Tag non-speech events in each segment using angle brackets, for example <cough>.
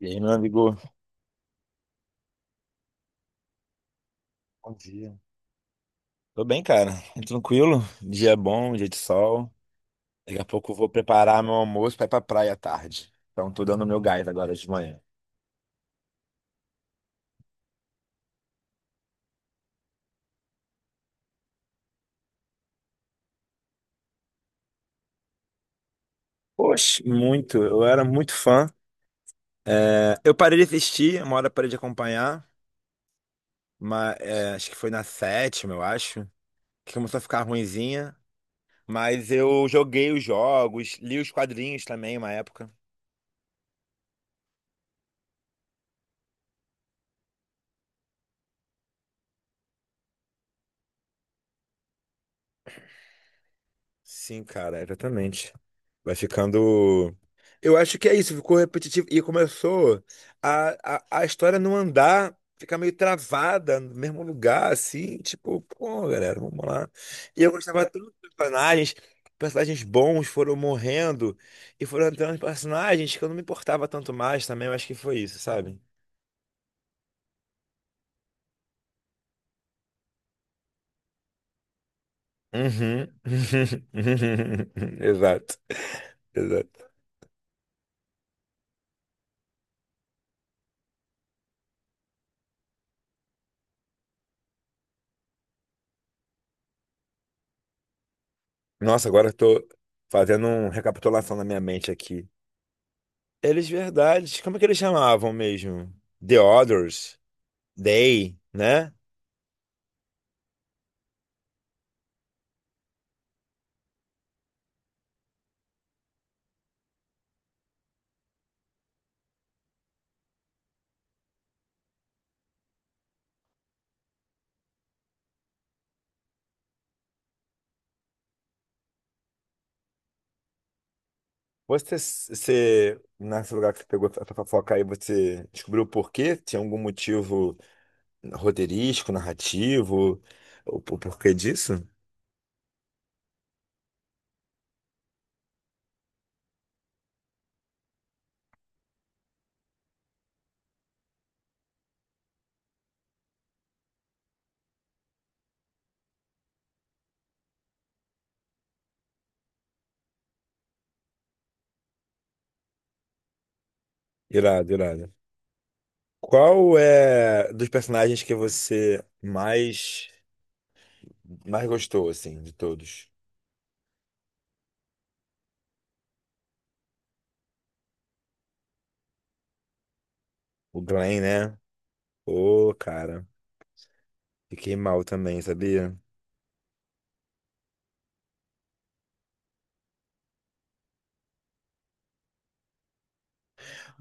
E aí, meu amigo? Bom dia. Tô bem, cara. Tranquilo. Dia bom, dia de sol. Daqui a pouco eu vou preparar meu almoço pra ir pra praia à tarde. Então, tô dando meu gás agora de manhã. Poxa, muito. Eu era muito fã. É, eu parei de assistir, uma hora eu parei de acompanhar. Mas, acho que foi na sétima, eu acho. Que começou a ficar ruinzinha. Mas eu joguei os jogos, li os quadrinhos também, uma época. Sim, cara, exatamente. Vai ficando. Eu acho que é isso, ficou repetitivo e começou a, a história não andar, ficar meio travada no mesmo lugar, assim, tipo, pô, galera, vamos lá. E eu gostava tanto dos personagens, personagens bons foram morrendo e foram entrando personagens que eu não me importava tanto mais também, eu acho que foi isso, sabe? Uhum. <laughs> Exato, exato. Nossa, agora eu tô fazendo uma recapitulação na minha mente aqui. Eles verdade. Como é que eles chamavam mesmo? The Others, They, né? Nesse lugar que você pegou essa fofoca aí, você descobriu o porquê? Tinha algum motivo roteirístico, narrativo? O porquê disso? Irado, irado. Qual é dos personagens que você mais gostou, assim, de todos? O Glenn, né? Ô, cara, fiquei mal também, sabia?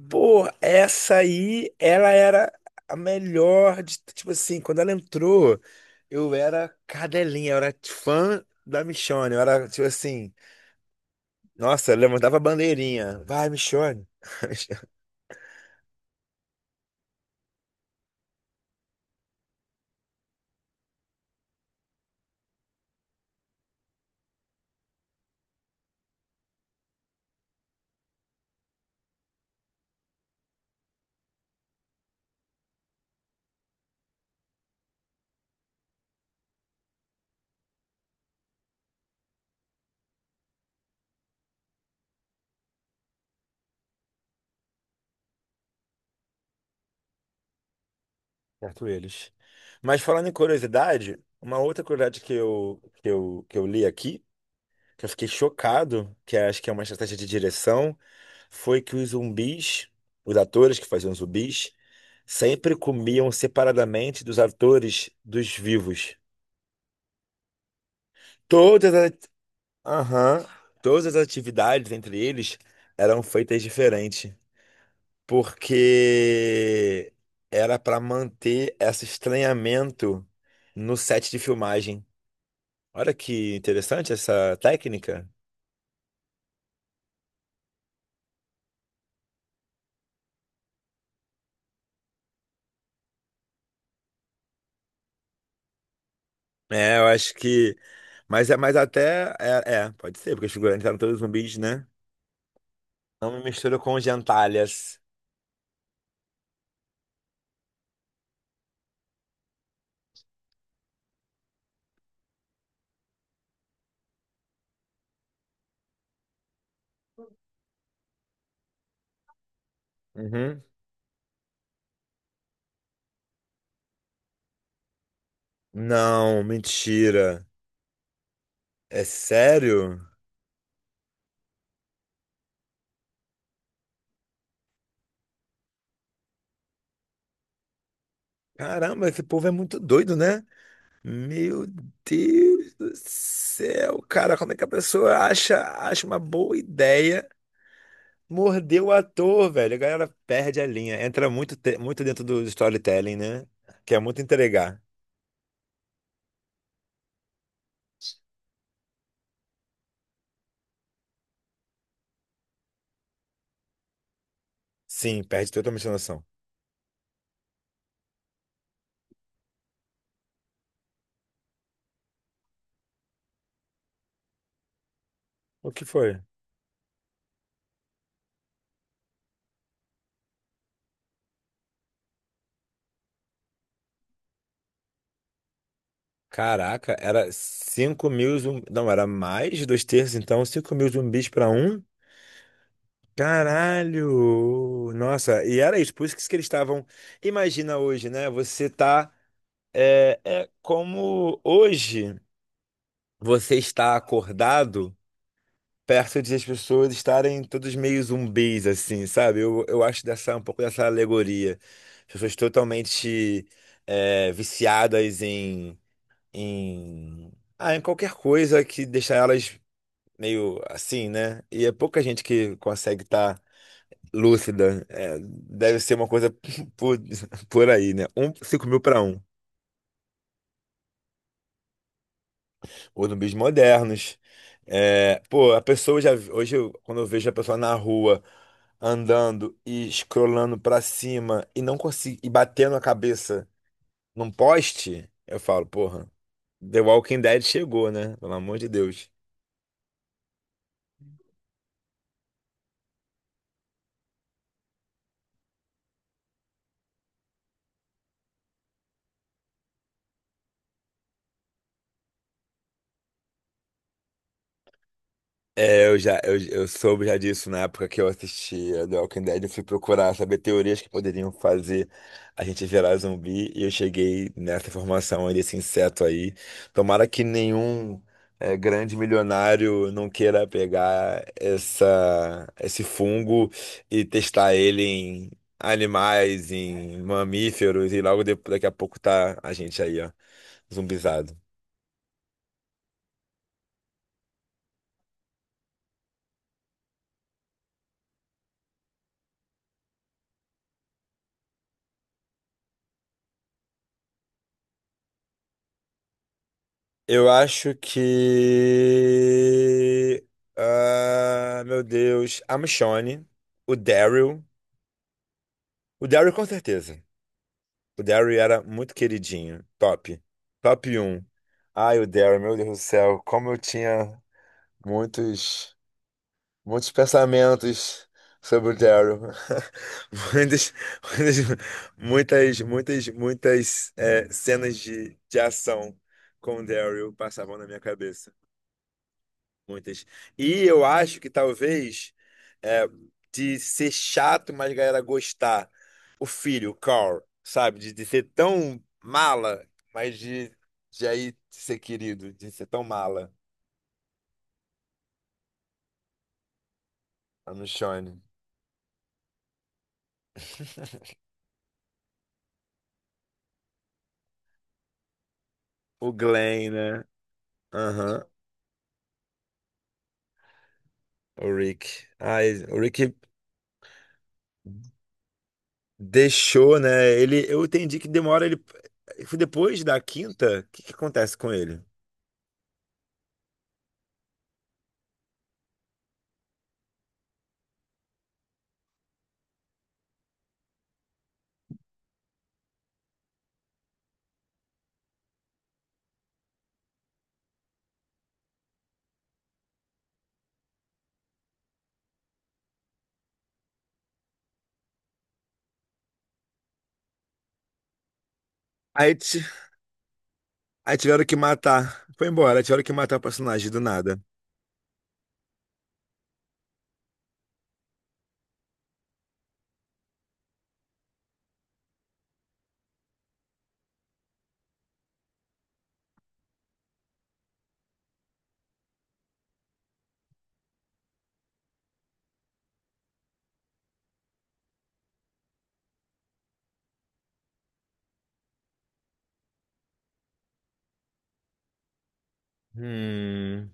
Pô, essa aí, ela era a melhor de, tipo assim, quando ela entrou, eu era cadelinha, eu era fã da Michonne, eu era, tipo assim, nossa, eu levantava a bandeirinha, vai, Michonne. <laughs> Certo eles. Mas falando em curiosidade, uma outra curiosidade que eu li aqui, que eu fiquei chocado, que é, acho que é uma estratégia de direção, foi que os zumbis, os atores que faziam zumbis, sempre comiam separadamente dos atores dos vivos. Todas as, aham, todas as atividades entre eles eram feitas diferente, porque era para manter esse estranhamento no set de filmagem. Olha que interessante essa técnica. É, eu acho que. Mas é mas até. Pode ser, porque os figurantes eram todos zumbis, né? Não me misturo com gentalhas. Uhum. Não, mentira. É sério? Caramba, esse povo é muito doido, né? Meu Deus do céu, cara, como é que a pessoa acha uma boa ideia morder o ator, velho? A galera perde a linha, entra muito, muito dentro do storytelling, né? Quer muito entregar. Sim, perde totalmente a noção. O que foi? Caraca, era 5 mil zumbis. Não, era mais de dois terços, então 5 mil zumbis pra um. Caralho! Nossa, e era isso, por isso que eles estavam. Imagina hoje, né? Você tá. É como hoje você está acordado perto de as pessoas estarem todos meio zumbis, assim, sabe? Eu acho dessa, um pouco dessa alegoria. As pessoas totalmente, viciadas em, em. Ah, em qualquer coisa que deixa elas meio assim, né? E é pouca gente que consegue estar lúcida, deve ser uma coisa <laughs> por, por aí, né? Um, 5 mil para 1. Ou zumbis modernos. É, pô, a pessoa já. Hoje, quando eu vejo a pessoa na rua andando e escrolando para cima e não consigo, e batendo a cabeça num poste, eu falo, porra, The Walking Dead chegou, né? Pelo amor de Deus. É, eu soube já disso na época que eu assistia The Walking Dead, eu fui procurar saber teorias que poderiam fazer a gente virar zumbi e eu cheguei nessa informação aí desse inseto aí. Tomara que nenhum, grande milionário não queira pegar essa esse fungo e testar ele em animais, em mamíferos e logo daqui a pouco tá a gente aí, ó, zumbizado. Eu acho que. Ah, meu Deus. A Michonne, o Daryl. O Daryl, com certeza. O Daryl era muito queridinho. Top. Top um. Ai, o Daryl, meu Deus do céu. Como eu tinha muitos, muitos pensamentos sobre o Daryl. <laughs> Muitas, muitas, muitas, muitas, muitas, cenas de ação com o Daryl passavam na minha cabeça. Muitas. E eu acho que talvez, é, de ser chato, mas a galera gostar. O filho, o Carl, sabe? De ser tão mala, mas de aí ser querido, de ser tão mala. A Michonne. <laughs> O Glenn, né? Aham. O Rick. Ai, o Rick deixou, né? Ele, eu entendi que demora ele. Foi depois da quinta? O que que acontece com ele? Aí Aí tiveram que matar. Foi embora, aí tiveram que matar o personagem do nada. Hum.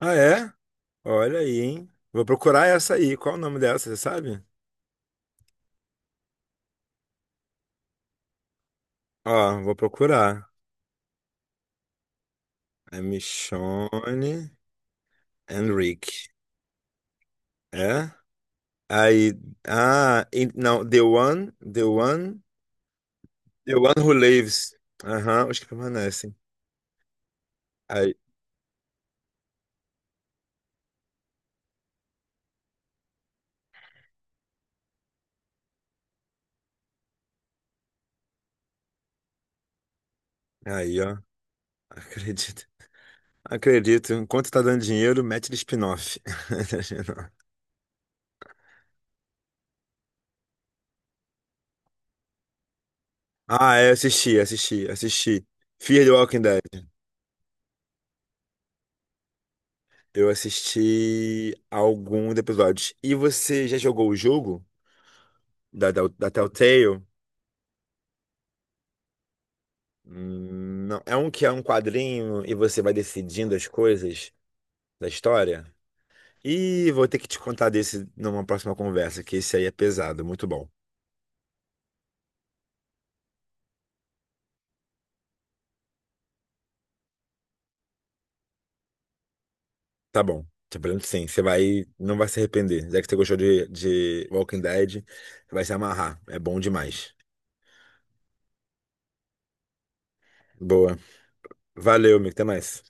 Ah, é? Olha aí, hein? Vou procurar essa aí. Qual o nome dela, você sabe? Ó, vou procurar. É Michonne Henrique. É? Aí. Ah, não. The One. The One. The One Who Lives. Aham, os que permanecem. Aí, ó. <laughs> Acredito. Acredito. Enquanto tá dando dinheiro, mete de spin-off. <laughs> Ah, é, eu assisti, assisti, assisti. Fear the Walking Dead. Eu assisti alguns episódios. E você já jogou o jogo da Telltale? Hum. Não. É um que é um quadrinho e você vai decidindo as coisas da história? E vou ter que te contar desse numa próxima conversa, que esse aí é pesado, muito bom. Tá bom. Te prometo sim, você vai, não vai se arrepender. Já que você gostou de Walking Dead, você vai se amarrar. É bom demais. Boa. Valeu, amigo. Até mais.